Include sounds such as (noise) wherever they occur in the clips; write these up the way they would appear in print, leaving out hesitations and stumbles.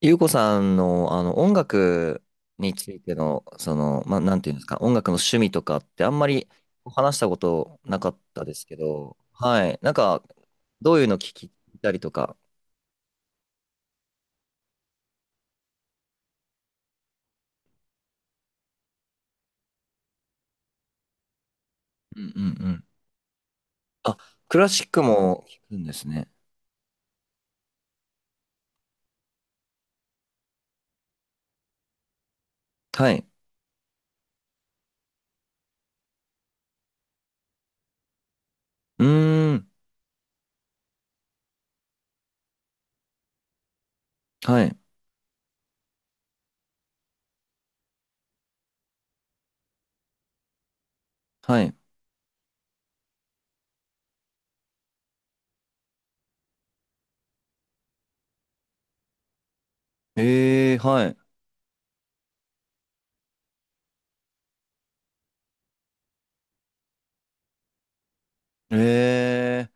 ゆうこさんの、音楽についての、まあ、なんていうんですか、音楽の趣味とかってあんまり話したことなかったですけど、はい。なんか、どういうの聞きたりとか。うんうんうん。あ、クラシックも聞くんですね。はい。うーん。はい。はい。えーはい。えー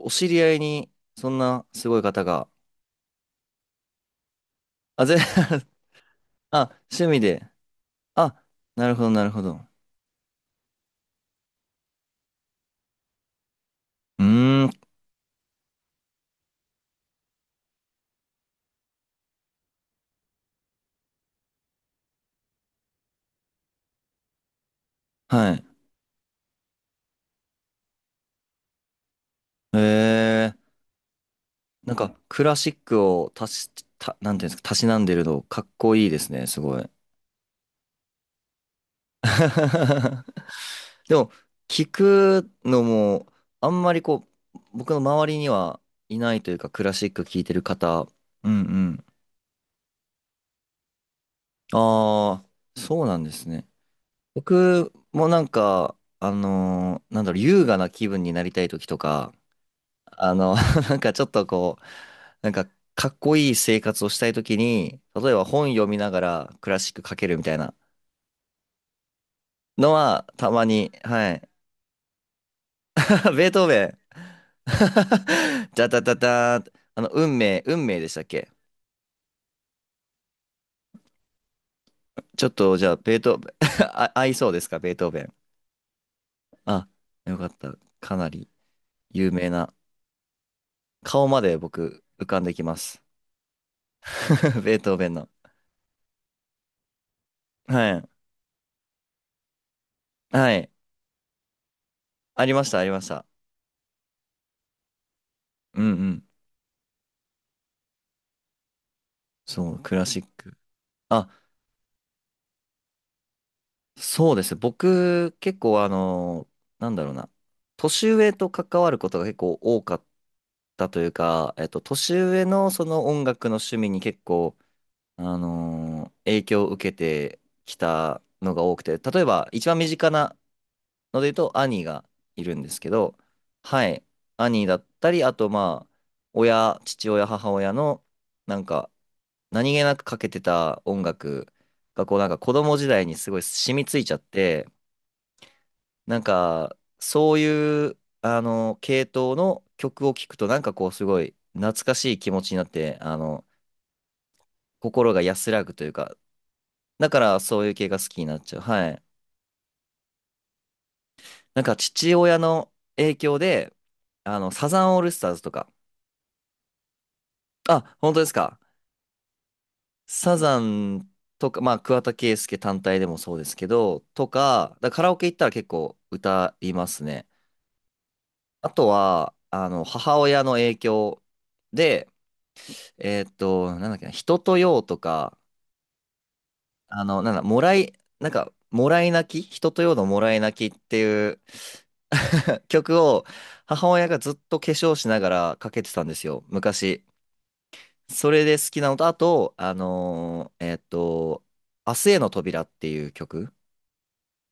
お知り合いに、そんなすごい方が。あ、(laughs) あ、趣味で。あ、なるほど、なるほど。うーん。はい。へえ、なんかクラシックを足し、た、なんていうんですか、たしなんでるのかっこいいですね、すごい。(laughs) でも、聞くのも、あんまり僕の周りにはいないというか、クラシック聞いてる方、うんうん。ああ、そうなんですね。僕もなんか、なんだろう、優雅な気分になりたい時とか、あの、(laughs) なんかちょっとなんかかっこいい生活をしたいときに、例えば本読みながらクラシックかけるみたいなのはたまに、はい。(laughs) ベートーベン。(laughs) じゃたたたーン。運命、運命でしたっけ？ちょっとじゃあ、ベートーベン。 (laughs) あ、合いそうですか、ベートーベン。あ、よかった。かなり有名な。顔まで僕浮かんできます。(laughs) ベートーベンの。はい。はい。ありました、ありました。うんうん。そう、クラシック。あ、そうです。僕、結構なんだろうな。年上と関わることが結構多かったというか、年上のその音楽の趣味に結構、影響を受けてきたのが多くて、例えば一番身近なので言うと兄がいるんですけど、はい。兄だったり、あとまあ、親、父親、母親の、なんか、何気なくかけてた音楽が、こうなんか子供時代にすごい染みついちゃって、なんか、そういう、系統の曲を聴くと、なんかすごい懐かしい気持ちになって、心が安らぐというか、だからそういう系が好きになっちゃう。はい。なんか、父親の影響で、サザンオールスターズとか、あ、本当ですか。サザンとか、まあ、桑田佳祐単体でもそうですけど、とか、だからカラオケ行ったら結構歌いますね。あとは、母親の影響で、なんだっけな、人とようとか、なんだ、もらい、なんか、もらい泣き人とようのもらい泣きっていう (laughs) 曲を母親がずっと化粧しながらかけてたんですよ、昔。それで好きなのと、あと、明日への扉っていう曲、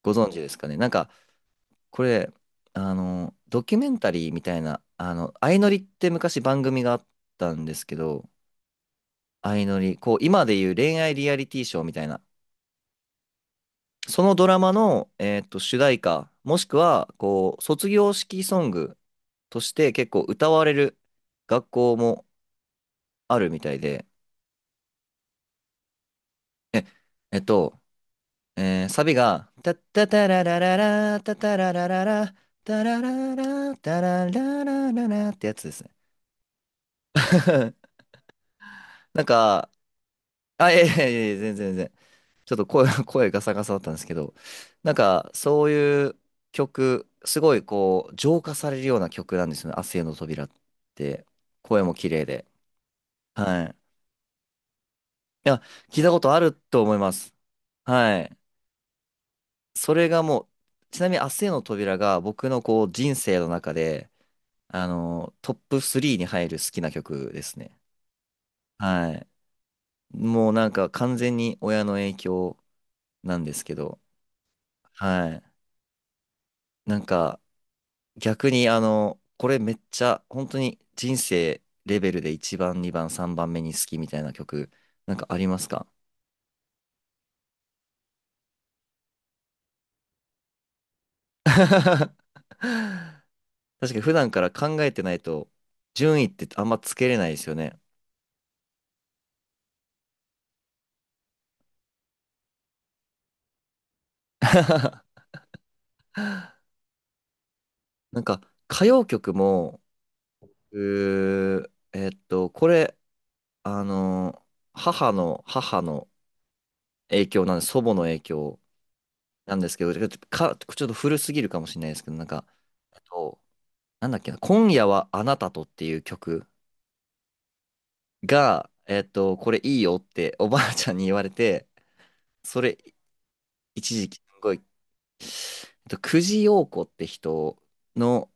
ご存知ですかね。なんか、これ、ドキュメンタリーみたいな、相乗りって昔番組があったんですけど、相乗り、今でいう恋愛リアリティショーみたいな、そのドラマの、主題歌、もしくは、卒業式ソングとして結構歌われる学校もあるみたいで、え、えっと、サビが、タッタタララララ、タタララララ、タラララ、タラララララってやつですね。(laughs) なんか、あ、いやいやいやいや、全然全然。ちょっと声、(laughs) 声ガサガサだったんですけど、なんかそういう曲、すごい浄化されるような曲なんですよね。明日への扉って。声も綺麗で。はい。いや、聞いたことあると思います。はい。それがもう、ちなみに明日への扉が僕の人生の中で、トップ3に入る好きな曲ですね。はい。もうなんか完全に親の影響なんですけど、はい。なんか、逆にこれめっちゃ本当に人生レベルで一番、二番、三番目に好きみたいな曲、なんかありますか？ (laughs) 確かに普段から考えてないと順位ってあんまつけれないですよね。(laughs) なんか歌謡曲も、うーえっと、これ、あの、母の影響なんです、祖母の影響なんですけど、ちょっと古すぎるかもしれないですけど、なんか、あとなんだっけな、今夜はあなたとっていう曲が、これいいよっておばあちゃんに言われて、それ一時期すごい、久慈陽子って人の、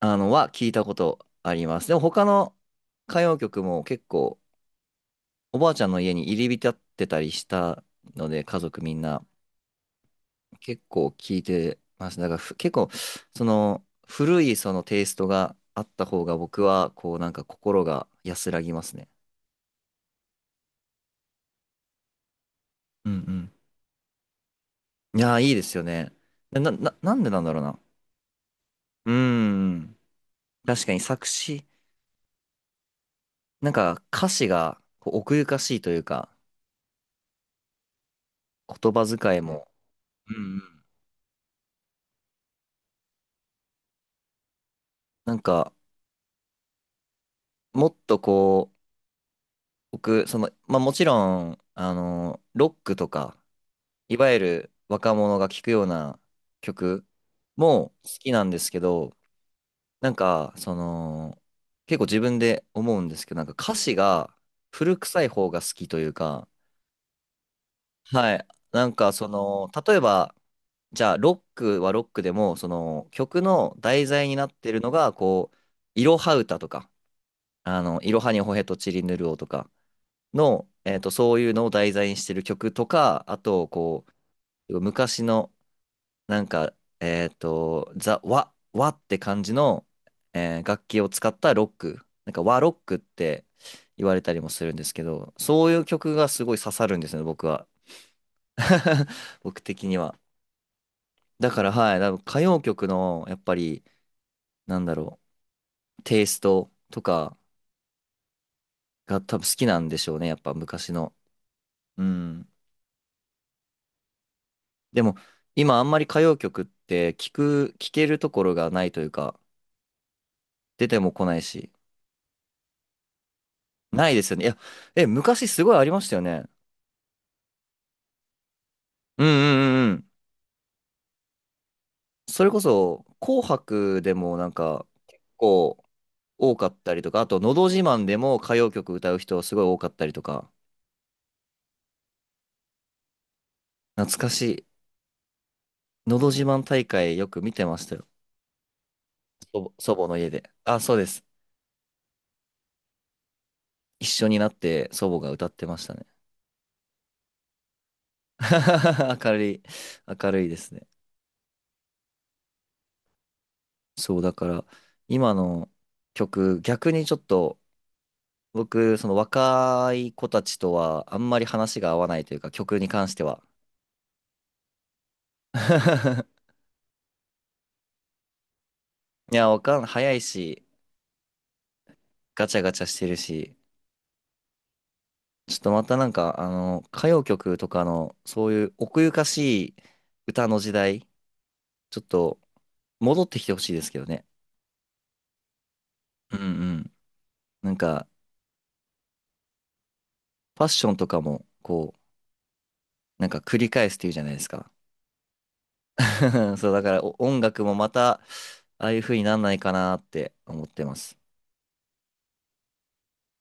は聞いたことあります。でも他の歌謡曲も結構おばあちゃんの家に入り浸ってたりしたので、家族みんな結構聞いてます。だから結構、その古いそのテイストがあった方が僕は、なんか心が安らぎますね。うんうん。いやー、いいですよね。なんでなんだろうな。うーん。確かになんか歌詞が奥ゆかしいというか、言葉遣いも、うんうん。なんか、もっと僕、まあもちろん、ロックとか、いわゆる若者が聴くような曲も好きなんですけど、なんか、結構自分で思うんですけど、なんか歌詞が古臭い方が好きというか、はい。なんかその、例えば、じゃあロックはロックでも、その曲の題材になってるのが、いろは歌とか、いろはにほへとちりぬるおとかの、そういうのを題材にしてる曲とか、あと、昔の、なんか、ワって感じの、楽器を使ったロック、なんか和ロックって言われたりもするんですけど、そういう曲がすごい刺さるんですね、僕は。(laughs) 僕的には。だからはい、多分歌謡曲のやっぱりなんだろう、テイストとかが多分好きなんでしょうね、やっぱ昔の。うん。でも今あんまり歌謡曲って聞けるところがないというか、出ても来ないし、ないですよね。いや、昔すごいありましたよね。うんうんうんうん。それこそ紅白でもなんか結構多かったりとか、あとのど自慢でも歌謡曲歌う人すごい多かったりとか、懐かしい。のど自慢大会よく見てましたよ。祖母の家で。あ、そうです。一緒になって祖母が歌ってましたね。(laughs) 明るい、明るいですね。そう、だから、今の曲、逆にちょっと、僕、その若い子たちとは、あんまり話が合わないというか、曲に関しては。(laughs) いや、わかん、早いし、ガチャガチャしてるし、ちょっとまたなんか、歌謡曲とかの、そういう奥ゆかしい歌の時代、ちょっと、戻ってきてほしいですけどね。うんうん。なんか、ファッションとかも、なんか繰り返すっていうじゃないですか。(laughs) そう、だからお音楽もまた、ああいう風になんないかなって思ってます。